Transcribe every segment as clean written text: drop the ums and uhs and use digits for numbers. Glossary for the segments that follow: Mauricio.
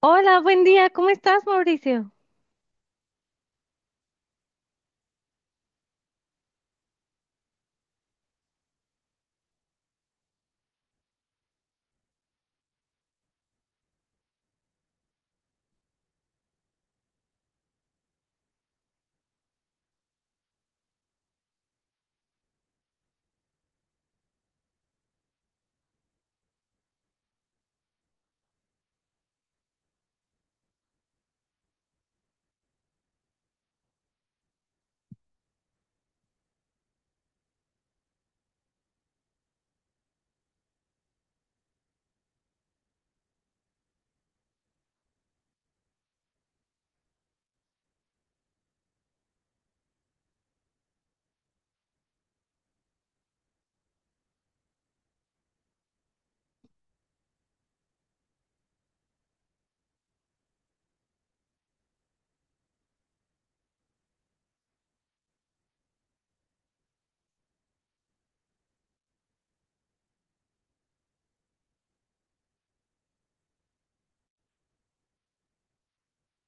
Hola, buen día. ¿Cómo estás, Mauricio?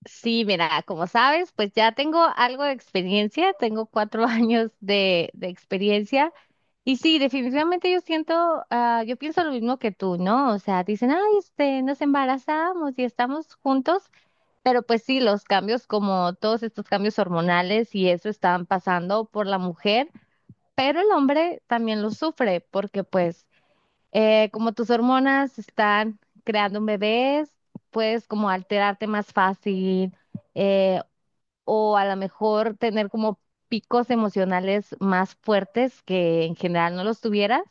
Sí, mira, como sabes, pues ya tengo algo de experiencia, tengo 4 años de experiencia y sí, definitivamente yo siento, yo pienso lo mismo que tú, ¿no? O sea, dicen, ay, nos embarazamos y estamos juntos, pero pues sí, los cambios como todos estos cambios hormonales y eso están pasando por la mujer, pero el hombre también lo sufre porque pues como tus hormonas están creando un bebé, puedes como alterarte más fácil, eh, o a lo mejor tener como picos emocionales más fuertes que en general no los tuvieras.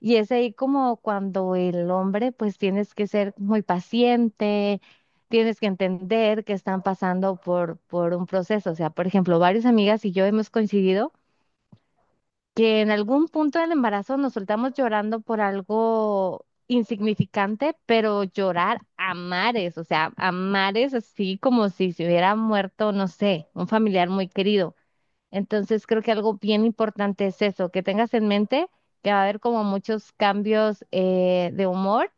Y es ahí como cuando el hombre pues tienes que ser muy paciente, tienes que entender que están pasando por un proceso. O sea, por ejemplo, varias amigas y yo hemos coincidido que en algún punto del embarazo nos soltamos llorando por algo insignificante, pero llorar a mares, o sea, a mares así como si se hubiera muerto, no sé, un familiar muy querido. Entonces creo que algo bien importante es eso, que tengas en mente que va a haber como muchos cambios de humor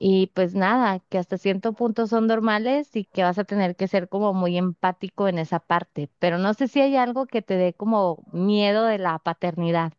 y pues nada, que hasta cierto punto son normales y que vas a tener que ser como muy empático en esa parte, pero no sé si hay algo que te dé como miedo de la paternidad.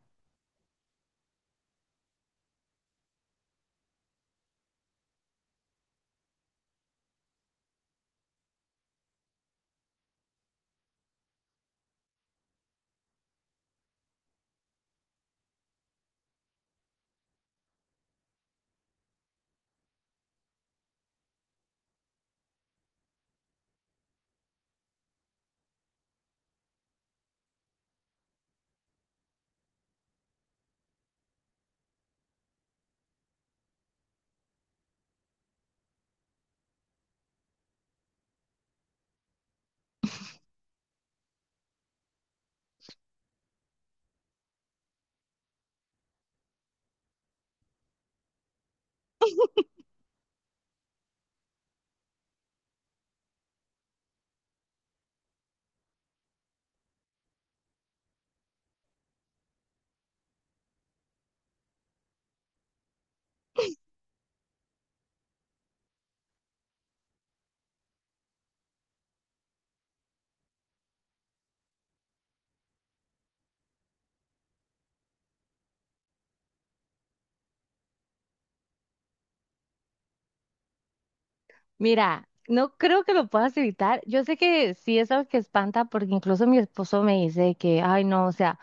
Mira, no creo que lo puedas evitar. Yo sé que sí es algo que espanta porque incluso mi esposo me dice que, ay, no, o sea,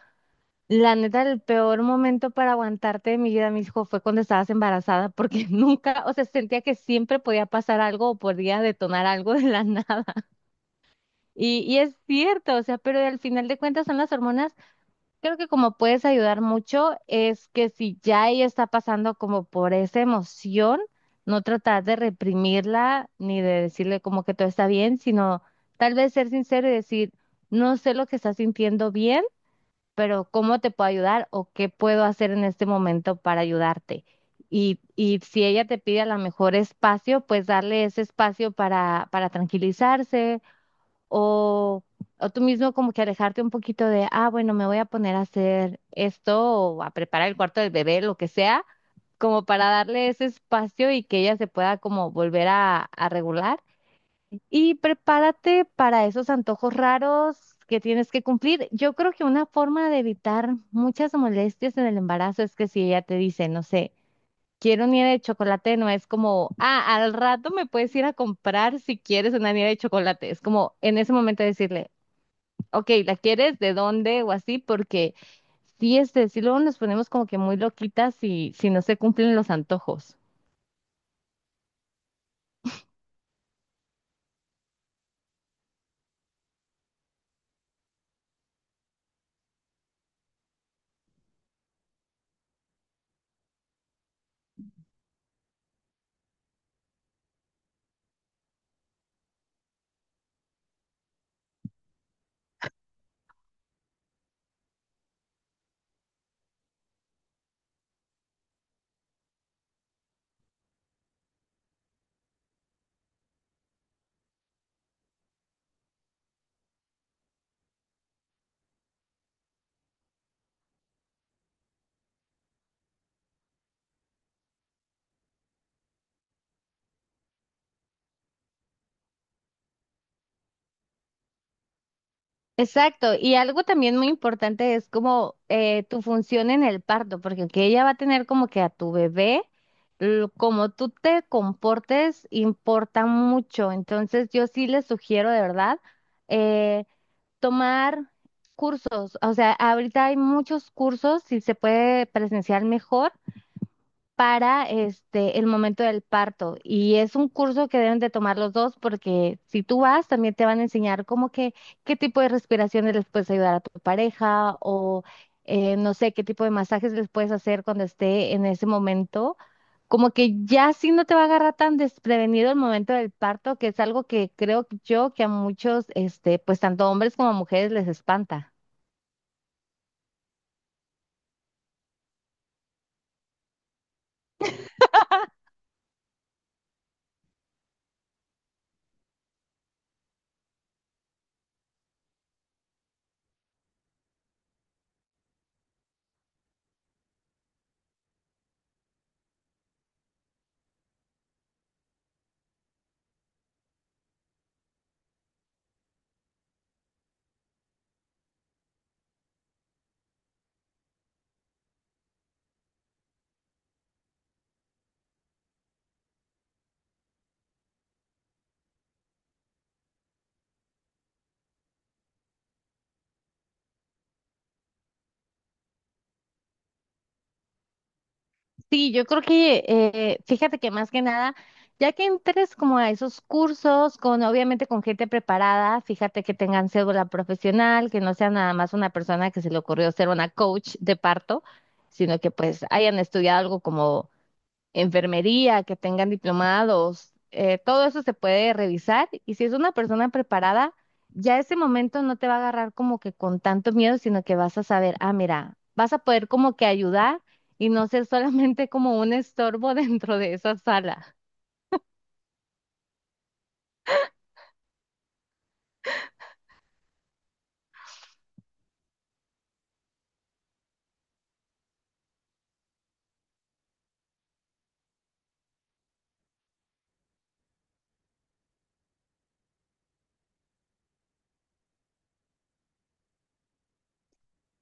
la neta, el peor momento para aguantarte de mi vida, mi hijo, fue cuando estabas embarazada porque nunca, o sea, sentía que siempre podía pasar algo o podía detonar algo de la nada. Y es cierto, o sea, pero al final de cuentas son las hormonas. Creo que como puedes ayudar mucho es que si ya ella está pasando como por esa emoción, no tratar de reprimirla ni de decirle como que todo está bien, sino tal vez ser sincero y decir, no sé lo que estás sintiendo bien, pero ¿cómo te puedo ayudar o qué puedo hacer en este momento para ayudarte? Y si ella te pide a lo mejor espacio, pues darle ese espacio para tranquilizarse o, o tú mismo como que alejarte un poquito de, ah, bueno, me voy a poner a hacer esto o a preparar el cuarto del bebé, lo que sea, como para darle ese espacio y que ella se pueda como volver a regular. Y prepárate para esos antojos raros que tienes que cumplir. Yo creo que una forma de evitar muchas molestias en el embarazo es que si ella te dice, no sé, quiero nieve de chocolate, no es como, ah, al rato me puedes ir a comprar si quieres una nieve de chocolate. Es como en ese momento decirle, ok, ¿la quieres? ¿De dónde? O así, porque sí, sí luego nos ponemos como que muy loquitas si, si no se cumplen los antojos. Exacto, y algo también muy importante es como tu función en el parto, porque aunque ella va a tener como que a tu bebé, como tú te comportes importa mucho. Entonces yo sí les sugiero de verdad, eh, tomar cursos, o sea, ahorita hay muchos cursos, si se puede presenciar mejor, para este el momento del parto. Y es un curso que deben de tomar los dos porque si tú vas, también te van a enseñar como que qué tipo de respiraciones les puedes ayudar a tu pareja o, no sé qué tipo de masajes les puedes hacer cuando esté en ese momento. Como que ya sí no te va a agarrar tan desprevenido el momento del parto, que es algo que creo yo que a muchos, pues tanto hombres como mujeres les espanta. Sí, yo creo que, fíjate que más que nada, ya que entres como a esos cursos, con obviamente con gente preparada, fíjate que tengan cédula profesional, que no sea nada más una persona que se le ocurrió ser una coach de parto, sino que pues hayan estudiado algo como enfermería, que tengan diplomados, todo eso se puede revisar y si es una persona preparada, ya ese momento no te va a agarrar como que con tanto miedo, sino que vas a saber, ah, mira, vas a poder como que ayudar y no ser solamente como un estorbo dentro de esa sala.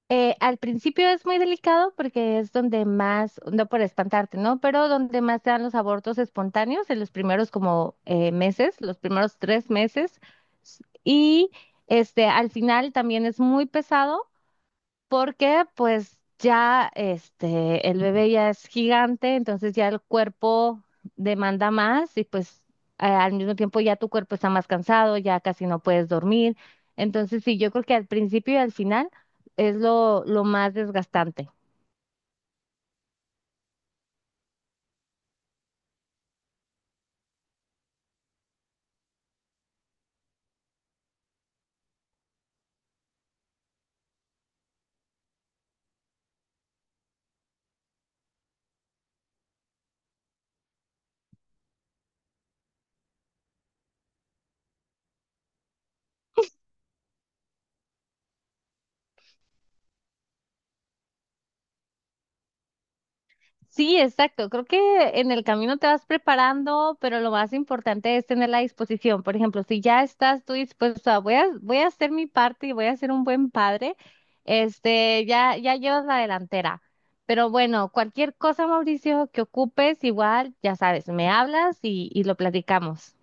Al principio es muy delicado porque es donde más, no por espantarte, ¿no? Pero donde más se dan los abortos espontáneos en los primeros como meses, los primeros 3 meses. S- Y al final también es muy pesado porque pues ya este el bebé ya es gigante, entonces ya el cuerpo demanda más y pues, al mismo tiempo ya tu cuerpo está más cansado, ya casi no puedes dormir. Entonces sí, yo creo que al principio y al final es lo más desgastante. Sí, exacto. Creo que en el camino te vas preparando, pero lo más importante es tener la disposición. Por ejemplo, si ya estás tú dispuesto a voy a hacer mi parte y voy a ser un buen padre, ya, ya llevas la delantera. Pero bueno, cualquier cosa, Mauricio, que ocupes, igual, ya sabes, me hablas y lo platicamos.